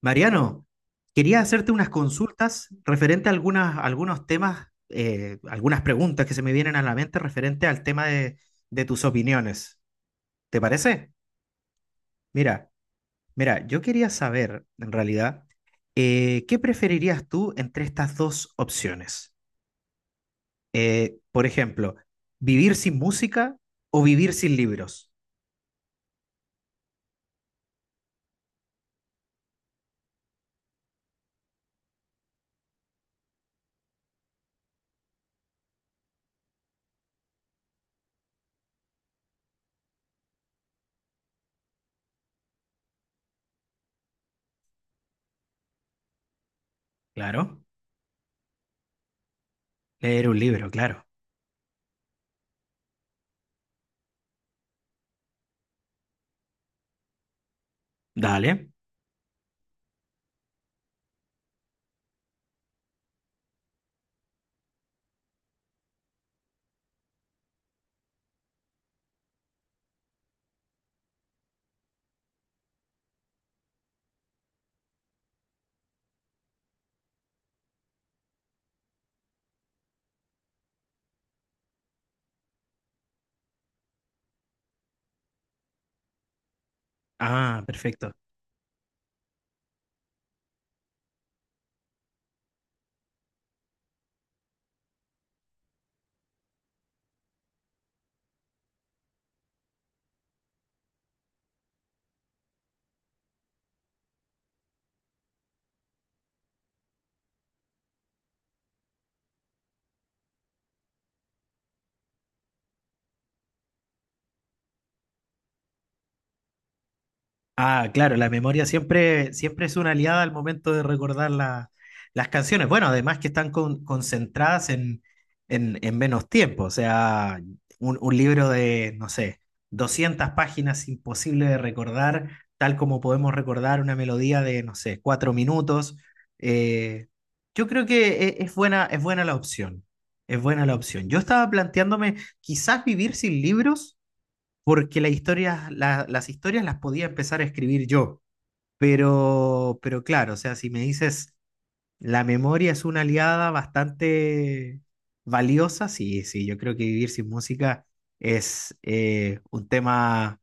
Mariano, quería hacerte unas consultas referente a algunos temas, algunas preguntas que se me vienen a la mente referente al tema de tus opiniones. ¿Te parece? Mira, mira, yo quería saber, en realidad, ¿qué preferirías tú entre estas dos opciones? Por ejemplo, ¿vivir sin música o vivir sin libros? Claro, leer un libro, claro. Dale. Ah, perfecto. Ah, claro, la memoria siempre es una aliada al momento de recordar las canciones. Bueno, además que están concentradas en menos tiempo. O sea, un libro de, no sé, 200 páginas imposible de recordar, tal como podemos recordar una melodía de, no sé, cuatro minutos. Eh, yo creo que es buena la opción. Es buena la opción. Yo estaba planteándome quizás vivir sin libros porque la historia, las historias las podía empezar a escribir yo. Pero claro, o sea, si me dices, la memoria es una aliada bastante valiosa, sí, sí, yo creo que vivir sin música es un tema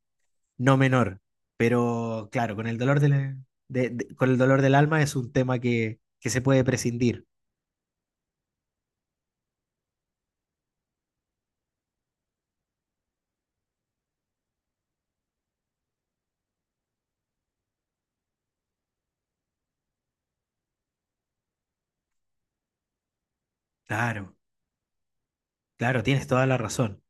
no menor. Pero claro, con el dolor del, con el dolor del alma es un tema que se puede prescindir. Claro. Claro, tienes toda la razón.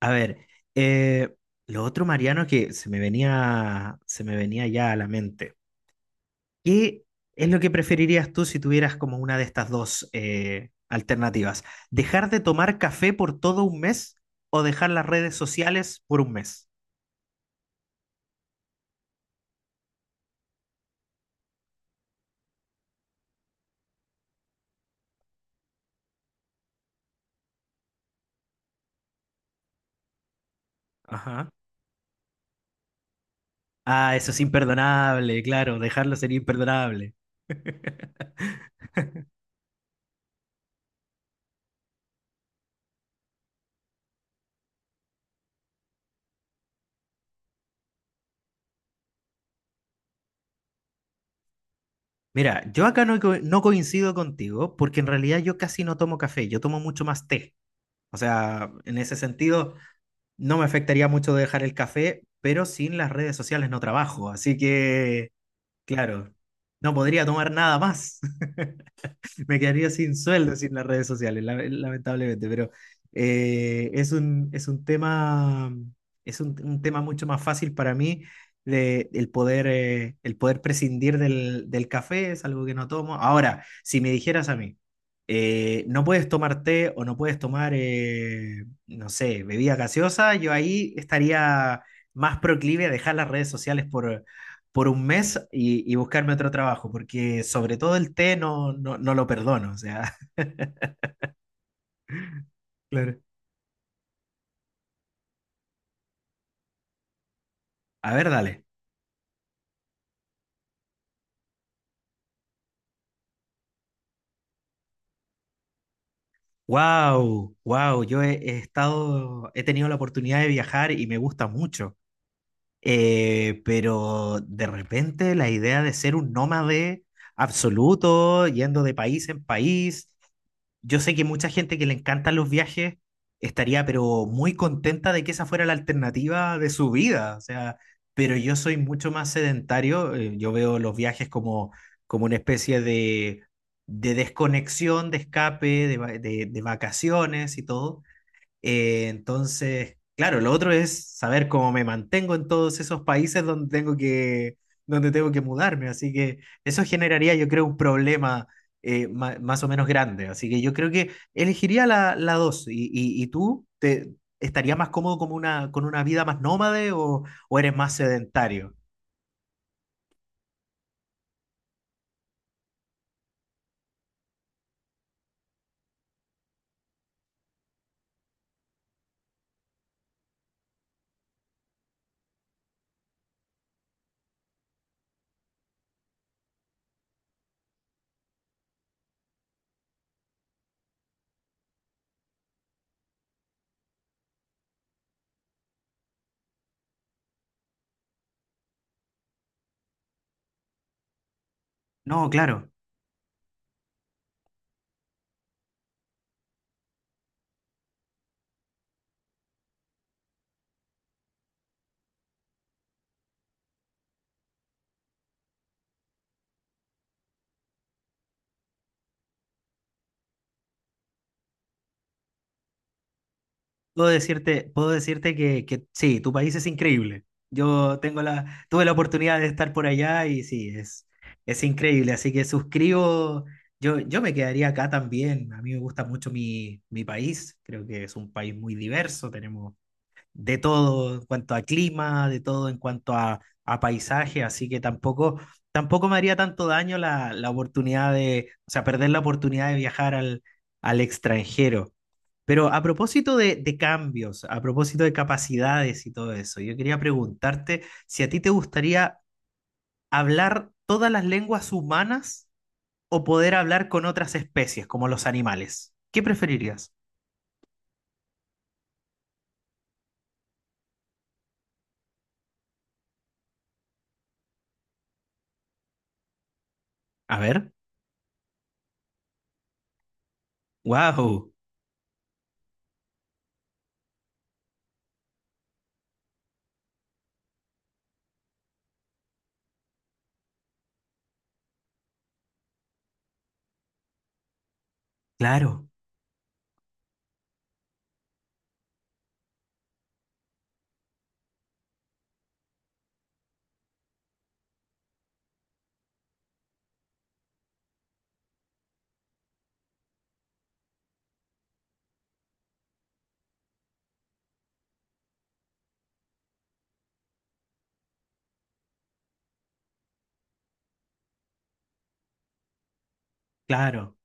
A ver, eh, lo otro, Mariano, que se me venía ya a la mente. ¿Qué es lo que preferirías tú si tuvieras como una de estas dos alternativas? ¿Dejar de tomar café por todo un mes o dejar las redes sociales por un mes? Ajá. Ah, eso es imperdonable, claro, dejarlo sería imperdonable. Mira, yo acá no coincido contigo porque en realidad yo casi no tomo café, yo tomo mucho más té. O sea, en ese sentido, no me afectaría mucho dejar el café, pero sin las redes sociales no trabajo. Así que, claro, no podría tomar nada más. Me quedaría sin sueldo sin las redes sociales, lamentablemente, pero es es un tema, es un tema mucho más fácil para mí de, el poder prescindir del café, es algo que no tomo. Ahora, si me dijeras a mí, no puedes tomar té o no puedes tomar, no sé, bebida gaseosa, yo ahí estaría más proclive a dejar las redes sociales por un mes y buscarme otro trabajo, porque sobre todo el té no lo perdono. O sea, claro. A ver, dale. Wow, yo he estado, he tenido la oportunidad de viajar y me gusta mucho. Pero de repente la idea de ser un nómade absoluto, yendo de país en país, yo sé que mucha gente que le encantan los viajes estaría pero muy contenta de que esa fuera la alternativa de su vida, o sea, pero yo soy mucho más sedentario, yo veo los viajes como, como una especie de desconexión, de escape, de vacaciones y todo entonces, claro, lo otro es saber cómo me mantengo en todos esos países donde tengo donde tengo que mudarme. Así que eso generaría, yo creo, un problema más o menos grande. Así que yo creo que elegiría la dos. ¿Y, y tú te estarías más cómodo como con una vida más nómade o eres más sedentario? No, claro. Puedo decirte que sí, tu país es increíble. Yo tengo la, tuve la oportunidad de estar por allá y sí, es increíble. Así que suscribo, yo me quedaría acá también. A mí me gusta mucho mi, mi país. Creo que es un país muy diverso. Tenemos de todo en cuanto a clima, de todo en cuanto a paisaje. Así que tampoco, tampoco me haría tanto daño la oportunidad de, o sea, perder la oportunidad de viajar al extranjero. Pero a propósito de cambios, a propósito de capacidades y todo eso, yo quería preguntarte si a ti te gustaría hablar todas las lenguas humanas o poder hablar con otras especies, como los animales. ¿Qué preferirías? A ver. Wow. Claro, claro,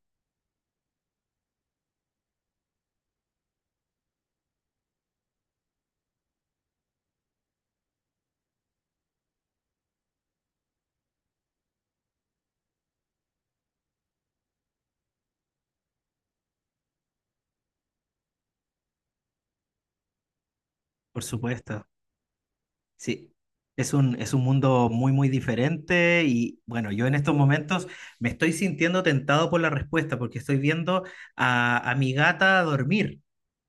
por supuesto. Sí, es es un mundo muy, muy diferente y bueno, yo en estos momentos me estoy sintiendo tentado por la respuesta porque estoy viendo a mi gata dormir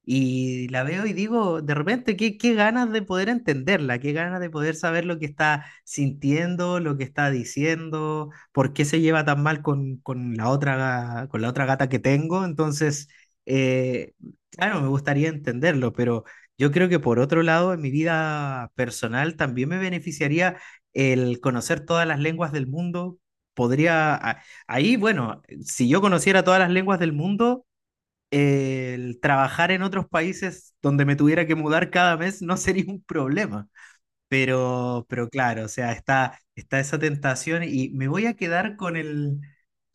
y la veo y digo, de repente, qué, qué ganas de poder entenderla, qué ganas de poder saber lo que está sintiendo, lo que está diciendo, por qué se lleva tan mal con la otra, con la otra gata que tengo. Entonces, eh, claro, me gustaría entenderlo, pero... Yo creo que por otro lado, en mi vida personal también me beneficiaría el conocer todas las lenguas del mundo. Podría, a- ahí, bueno, si yo conociera todas las lenguas del mundo, el trabajar en otros países donde me tuviera que mudar cada mes no sería un problema. Pero claro, o sea, está esa tentación y me voy a quedar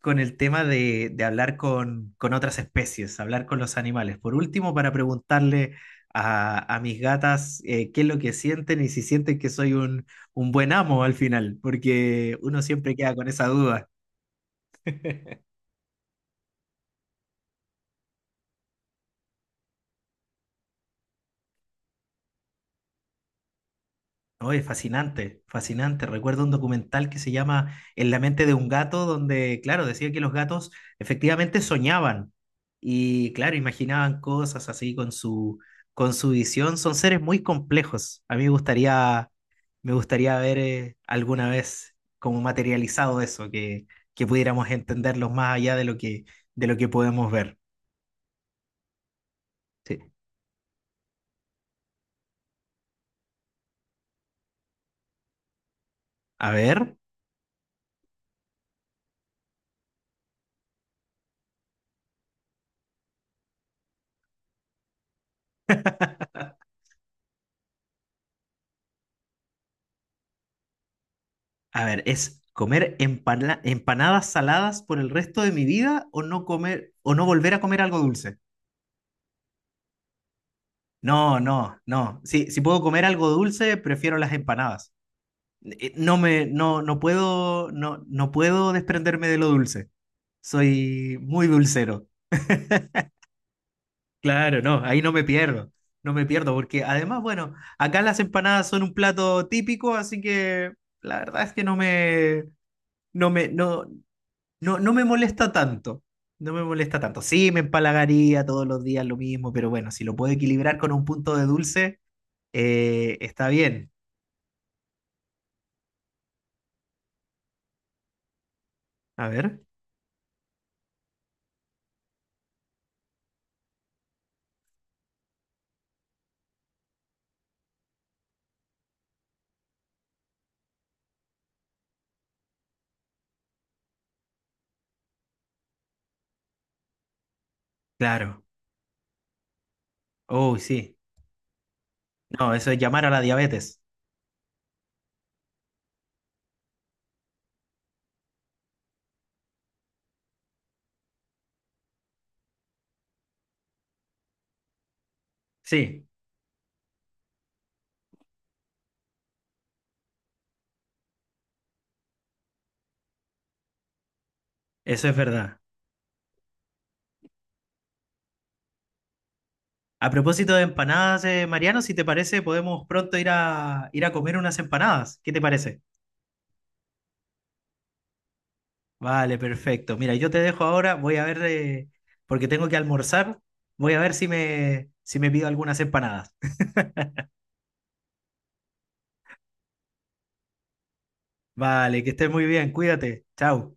con el tema de hablar con otras especies, hablar con los animales. Por último, para preguntarle a mis gatas qué es lo que sienten y si sienten que soy un buen amo al final, porque uno siempre queda con esa duda. Oye, fascinante, fascinante. Recuerdo un documental que se llama En la mente de un gato, donde, claro, decía que los gatos efectivamente soñaban y, claro, imaginaban cosas así con su visión. Son seres muy complejos. A mí me gustaría ver alguna vez como materializado eso, que pudiéramos entenderlos más allá de lo que podemos ver. Sí. A ver. A ver, ¿es comer empanadas saladas por el resto de mi vida o no comer o no volver a comer algo dulce? No. Sí, si puedo comer algo dulce, prefiero las empanadas. No puedo, no puedo desprenderme de lo dulce. Soy muy dulcero. Claro, no, ahí no me pierdo. No me pierdo, porque además, bueno, acá las empanadas son un plato típico, así que la verdad es que no me, no, no, no me molesta tanto. No me molesta tanto. Sí, me empalagaría todos los días lo mismo, pero bueno, si lo puedo equilibrar con un punto de dulce, está bien. A ver, claro. Oh, sí. No, eso es llamar a la diabetes. Sí, eso es verdad. A propósito de empanadas, Mariano, si te parece, podemos pronto ir ir a comer unas empanadas. ¿Qué te parece? Vale, perfecto. Mira, yo te dejo ahora, voy a ver, porque tengo que almorzar, voy a ver si si me pido algunas empanadas. Vale, que estés muy bien, cuídate. Chao.